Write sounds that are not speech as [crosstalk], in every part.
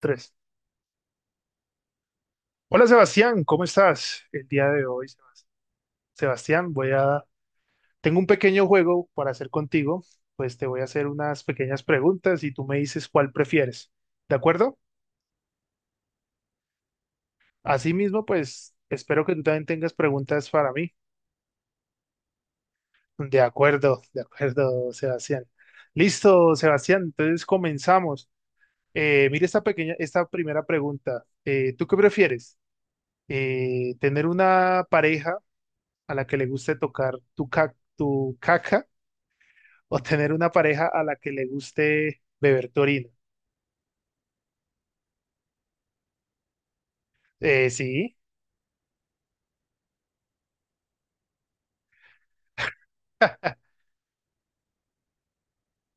Tres. Hola Sebastián, ¿cómo estás el día de hoy, Sebastián? Tengo un pequeño juego para hacer contigo, pues te voy a hacer unas pequeñas preguntas y tú me dices cuál prefieres, ¿de acuerdo? Asimismo, pues espero que tú también tengas preguntas para mí. De acuerdo, Sebastián. Listo, Sebastián, entonces comenzamos. Mira esta pequeña, esta primera pregunta. ¿Tú qué prefieres? ¿Tener una pareja a la que le guste tocar tu caca, o tener una pareja a la que le guste beber tu orina? Sí,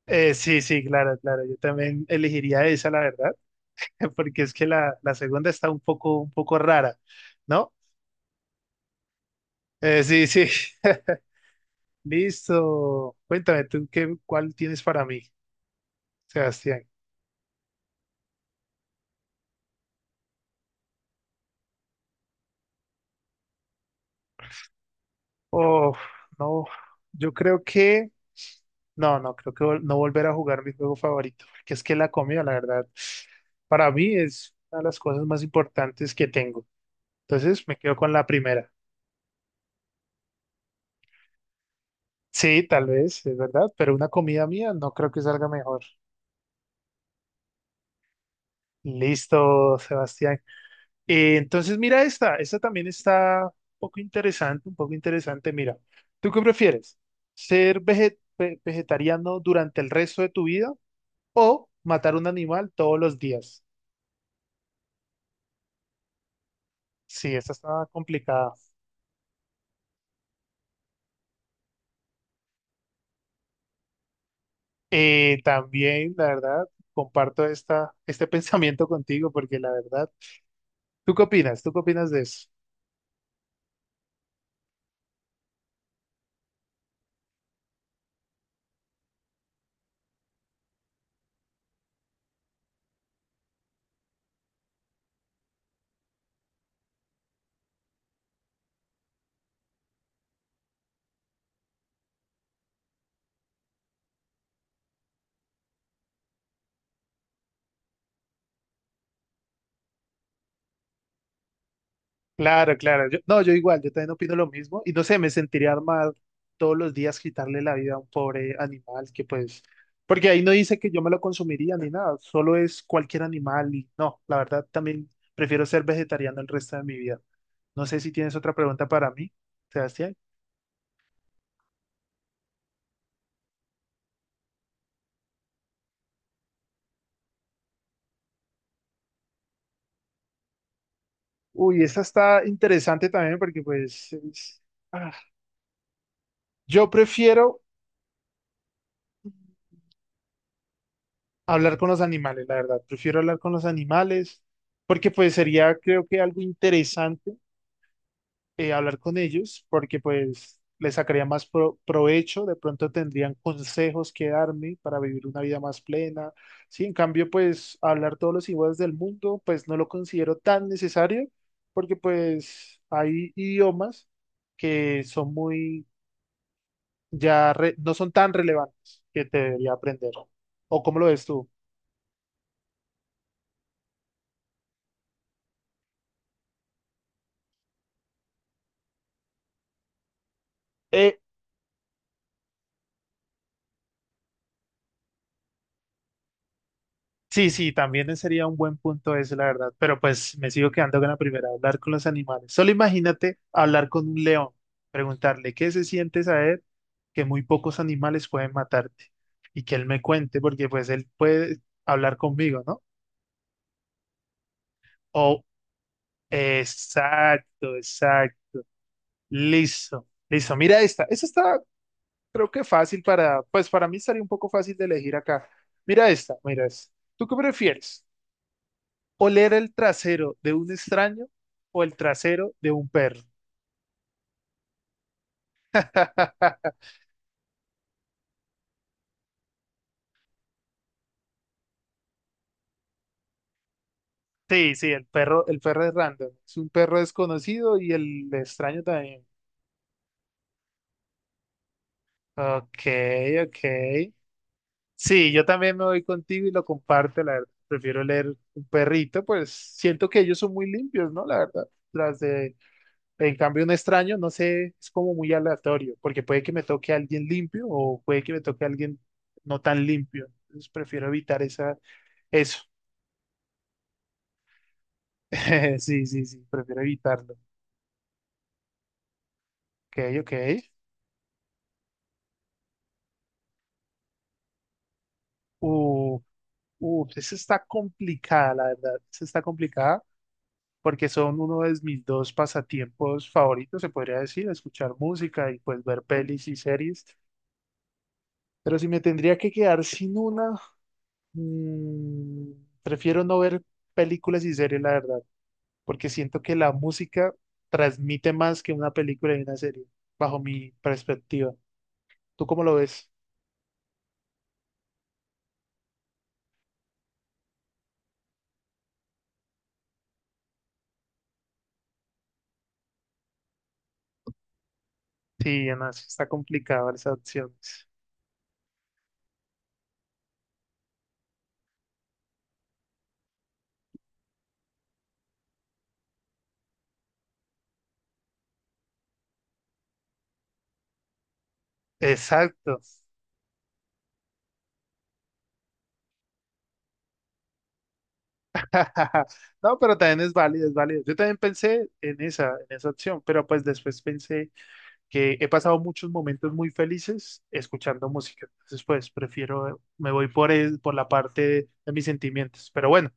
sí, sí, claro, claro. Yo también elegiría esa, la verdad, [laughs] porque es que la segunda está un poco rara, ¿no? Sí, sí. [laughs] Listo. Cuéntame, ¿tú qué, cuál tienes para mí, Sebastián? Oh, no, yo creo que... No, no, creo que no volver a jugar mi juego favorito, porque es que la comida, la verdad, para mí es una de las cosas más importantes que tengo. Entonces me quedo con la primera. Sí, tal vez, es verdad, pero una comida mía no creo que salga mejor. Listo, Sebastián. Entonces mira esta, esta también está un poco interesante, un poco interesante. Mira, ¿tú qué prefieres? ¿Ser vegetariano durante el resto de tu vida, o matar un animal todos los días? Sí, esta está complicada. También, la verdad, comparto esta, este [laughs] pensamiento contigo porque la verdad, ¿tú qué opinas? ¿Tú qué opinas de eso? Claro, claro. Yo, no, yo igual, yo también opino lo mismo y no sé, me sentiría mal todos los días quitarle la vida a un pobre animal que pues, porque ahí no dice que yo me lo consumiría ni nada, solo es cualquier animal y no, la verdad también prefiero ser vegetariano el resto de mi vida. No sé si tienes otra pregunta para mí, Sebastián. Uy, esta está interesante también porque pues... ah, yo prefiero hablar con los animales, la verdad. Prefiero hablar con los animales porque pues sería creo que algo interesante, hablar con ellos porque pues les sacaría más provecho, de pronto tendrían consejos que darme para vivir una vida más plena. Sí, en cambio pues hablar todos los idiomas del mundo pues no lo considero tan necesario porque pues hay idiomas que son muy no son tan relevantes que te debería aprender. ¿O cómo lo ves tú? Eh, Sí, sí, también sería un buen punto eso, la verdad. Pero pues me sigo quedando con la primera, hablar con los animales. Solo imagínate hablar con un león, preguntarle qué se siente saber que muy pocos animales pueden matarte y que él me cuente, porque pues él puede hablar conmigo, ¿no? O, exacto, exacto, listo, listo. Mira esta, esta está, creo que fácil para, pues para mí estaría un poco fácil de elegir acá. Mira esta, mira esta. ¿Tú qué prefieres? ¿Oler el trasero de un extraño, o el trasero de un perro? [laughs] Sí, sí, el perro es random. Es un perro desconocido y el extraño también. Ok, ok. Sí, yo también me voy contigo y lo comparto, la verdad. Prefiero leer un perrito, pues siento que ellos son muy limpios, ¿no? La verdad. Las de, en cambio, un extraño, no sé, es como muy aleatorio, porque puede que me toque a alguien limpio o puede que me toque a alguien no tan limpio. Entonces prefiero evitar esa, eso. [laughs] Sí, sí, sí, prefiero evitarlo. Ok, ok. Uh, esa está complicada, la verdad. Esa está complicada porque son uno de mis dos pasatiempos favoritos, se podría decir, escuchar música y pues ver pelis y series. Pero si me tendría que quedar sin una, mm, prefiero no ver películas y series, la verdad, porque siento que la música transmite más que una película y una serie, bajo mi perspectiva. ¿Tú cómo lo ves? Sí, no, eso está complicado esas opciones. Exacto. [laughs] No, pero también es válido, es válido. Yo también pensé en esa opción, pero pues después pensé que he pasado muchos momentos muy felices escuchando música. Entonces, pues prefiero, me voy por la parte de mis sentimientos. Pero bueno,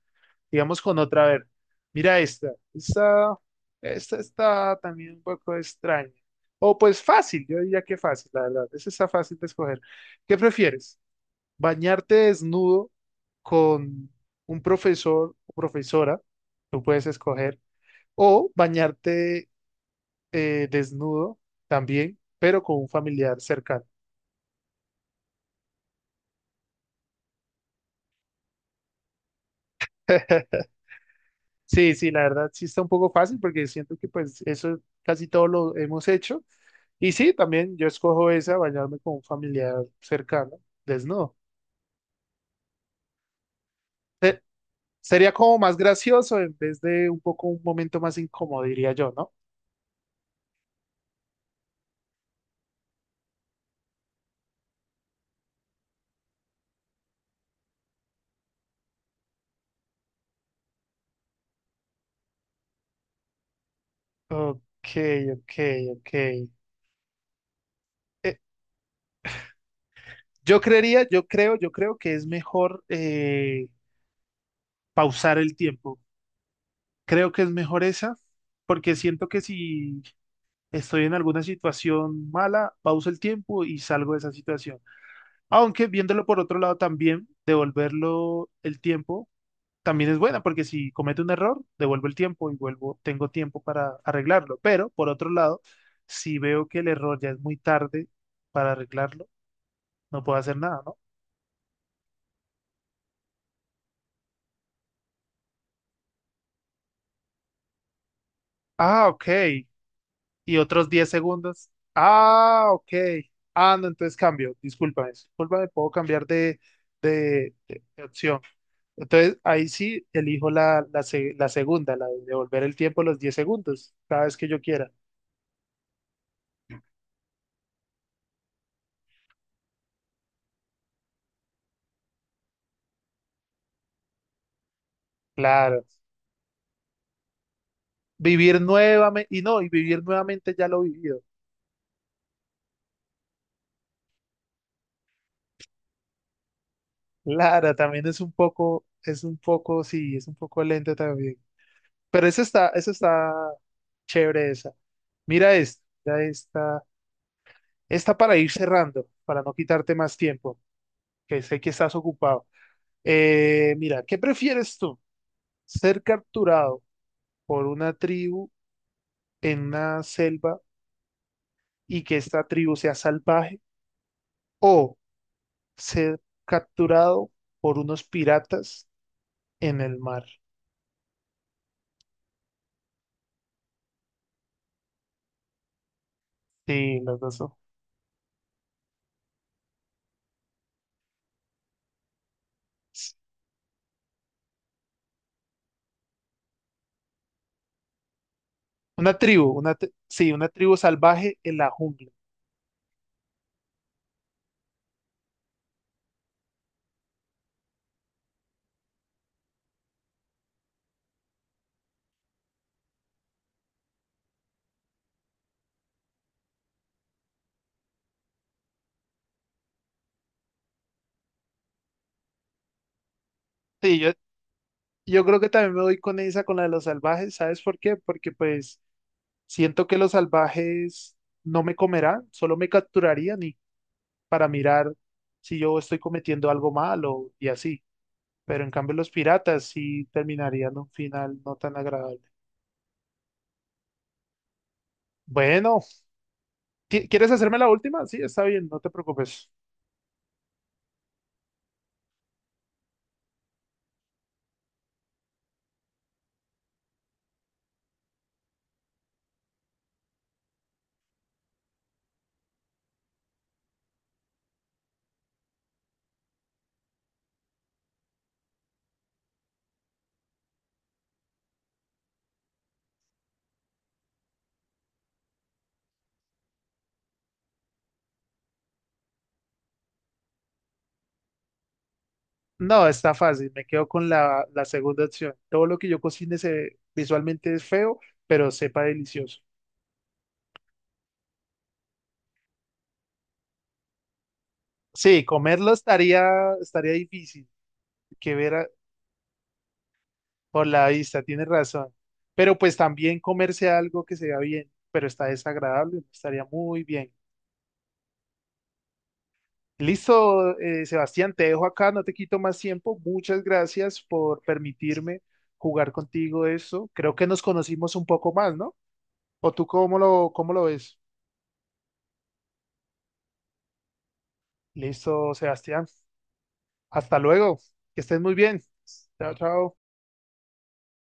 digamos con otra, a ver. Mira esta. Esta, esta está también un poco extraña. O pues fácil, yo diría que fácil, la verdad. Esa está fácil de escoger. ¿Qué prefieres? ¿Bañarte desnudo con un profesor o profesora, tú puedes escoger, o bañarte desnudo también, pero con un familiar cercano? [laughs] Sí, sí, la verdad sí está un poco fácil porque siento que pues eso casi todo lo hemos hecho. Y sí, también yo escojo esa, bañarme con un familiar cercano, desnudo. Se- Sería como más gracioso en vez de un poco un momento más incómodo, diría yo, ¿no? Ok, ok, ok. Eh, yo creería, yo creo que es mejor pausar el tiempo. Creo que es mejor esa, porque siento que si estoy en alguna situación mala, pauso el tiempo y salgo de esa situación. Aunque viéndolo por otro lado también, devolverlo el tiempo también es buena, porque si cometo un error, devuelvo el tiempo y vuelvo, tengo tiempo para arreglarlo. Pero por otro lado, si veo que el error ya es muy tarde para arreglarlo, no puedo hacer nada, ¿no? Ah, ok. Y otros 10 segundos. Ah, ok. Ah, no, entonces cambio. Discúlpame, discúlpame, puedo cambiar de, de opción. Entonces, ahí sí elijo la, la segunda, la de devolver el tiempo los 10 segundos, cada vez que yo quiera. Claro. Vivir nuevamente, y no, y vivir nuevamente ya lo vivido. Claro, también es un poco, sí, es un poco lento también. Pero eso está chévere esa. Mira esta, mira esta. Esta para ir cerrando, para no quitarte más tiempo, que sé que estás ocupado. Mira, ¿qué prefieres tú? ¿Ser capturado por una tribu en una selva y que esta tribu sea salvaje? ¿O ser capturado por unos piratas en el mar? Sí, los dos son- Una tribu, sí, una tribu salvaje en la jungla. Sí, yo creo que también me voy con esa, con la de los salvajes, ¿sabes por qué? Porque pues... Siento que los salvajes no me comerán, solo me capturarían y para mirar si yo estoy cometiendo algo malo y así. Pero en cambio los piratas sí terminarían un final no tan agradable. Bueno, quieres hacerme la última? Sí, está bien, no te preocupes. No, está fácil, me quedo con la segunda opción. Todo lo que yo cocine se, visualmente es feo, pero sepa delicioso. Sí, comerlo estaría, estaría difícil. Que ver, por la vista, tienes razón. Pero pues también comerse algo que se vea bien, pero está desagradable, no estaría muy bien. Listo, Sebastián, te dejo acá, no te quito más tiempo. Muchas gracias por permitirme jugar contigo eso. Creo que nos conocimos un poco más, ¿no? ¿O tú cómo lo ves? Listo, Sebastián. Hasta luego. Que estés muy bien. Chao, chao.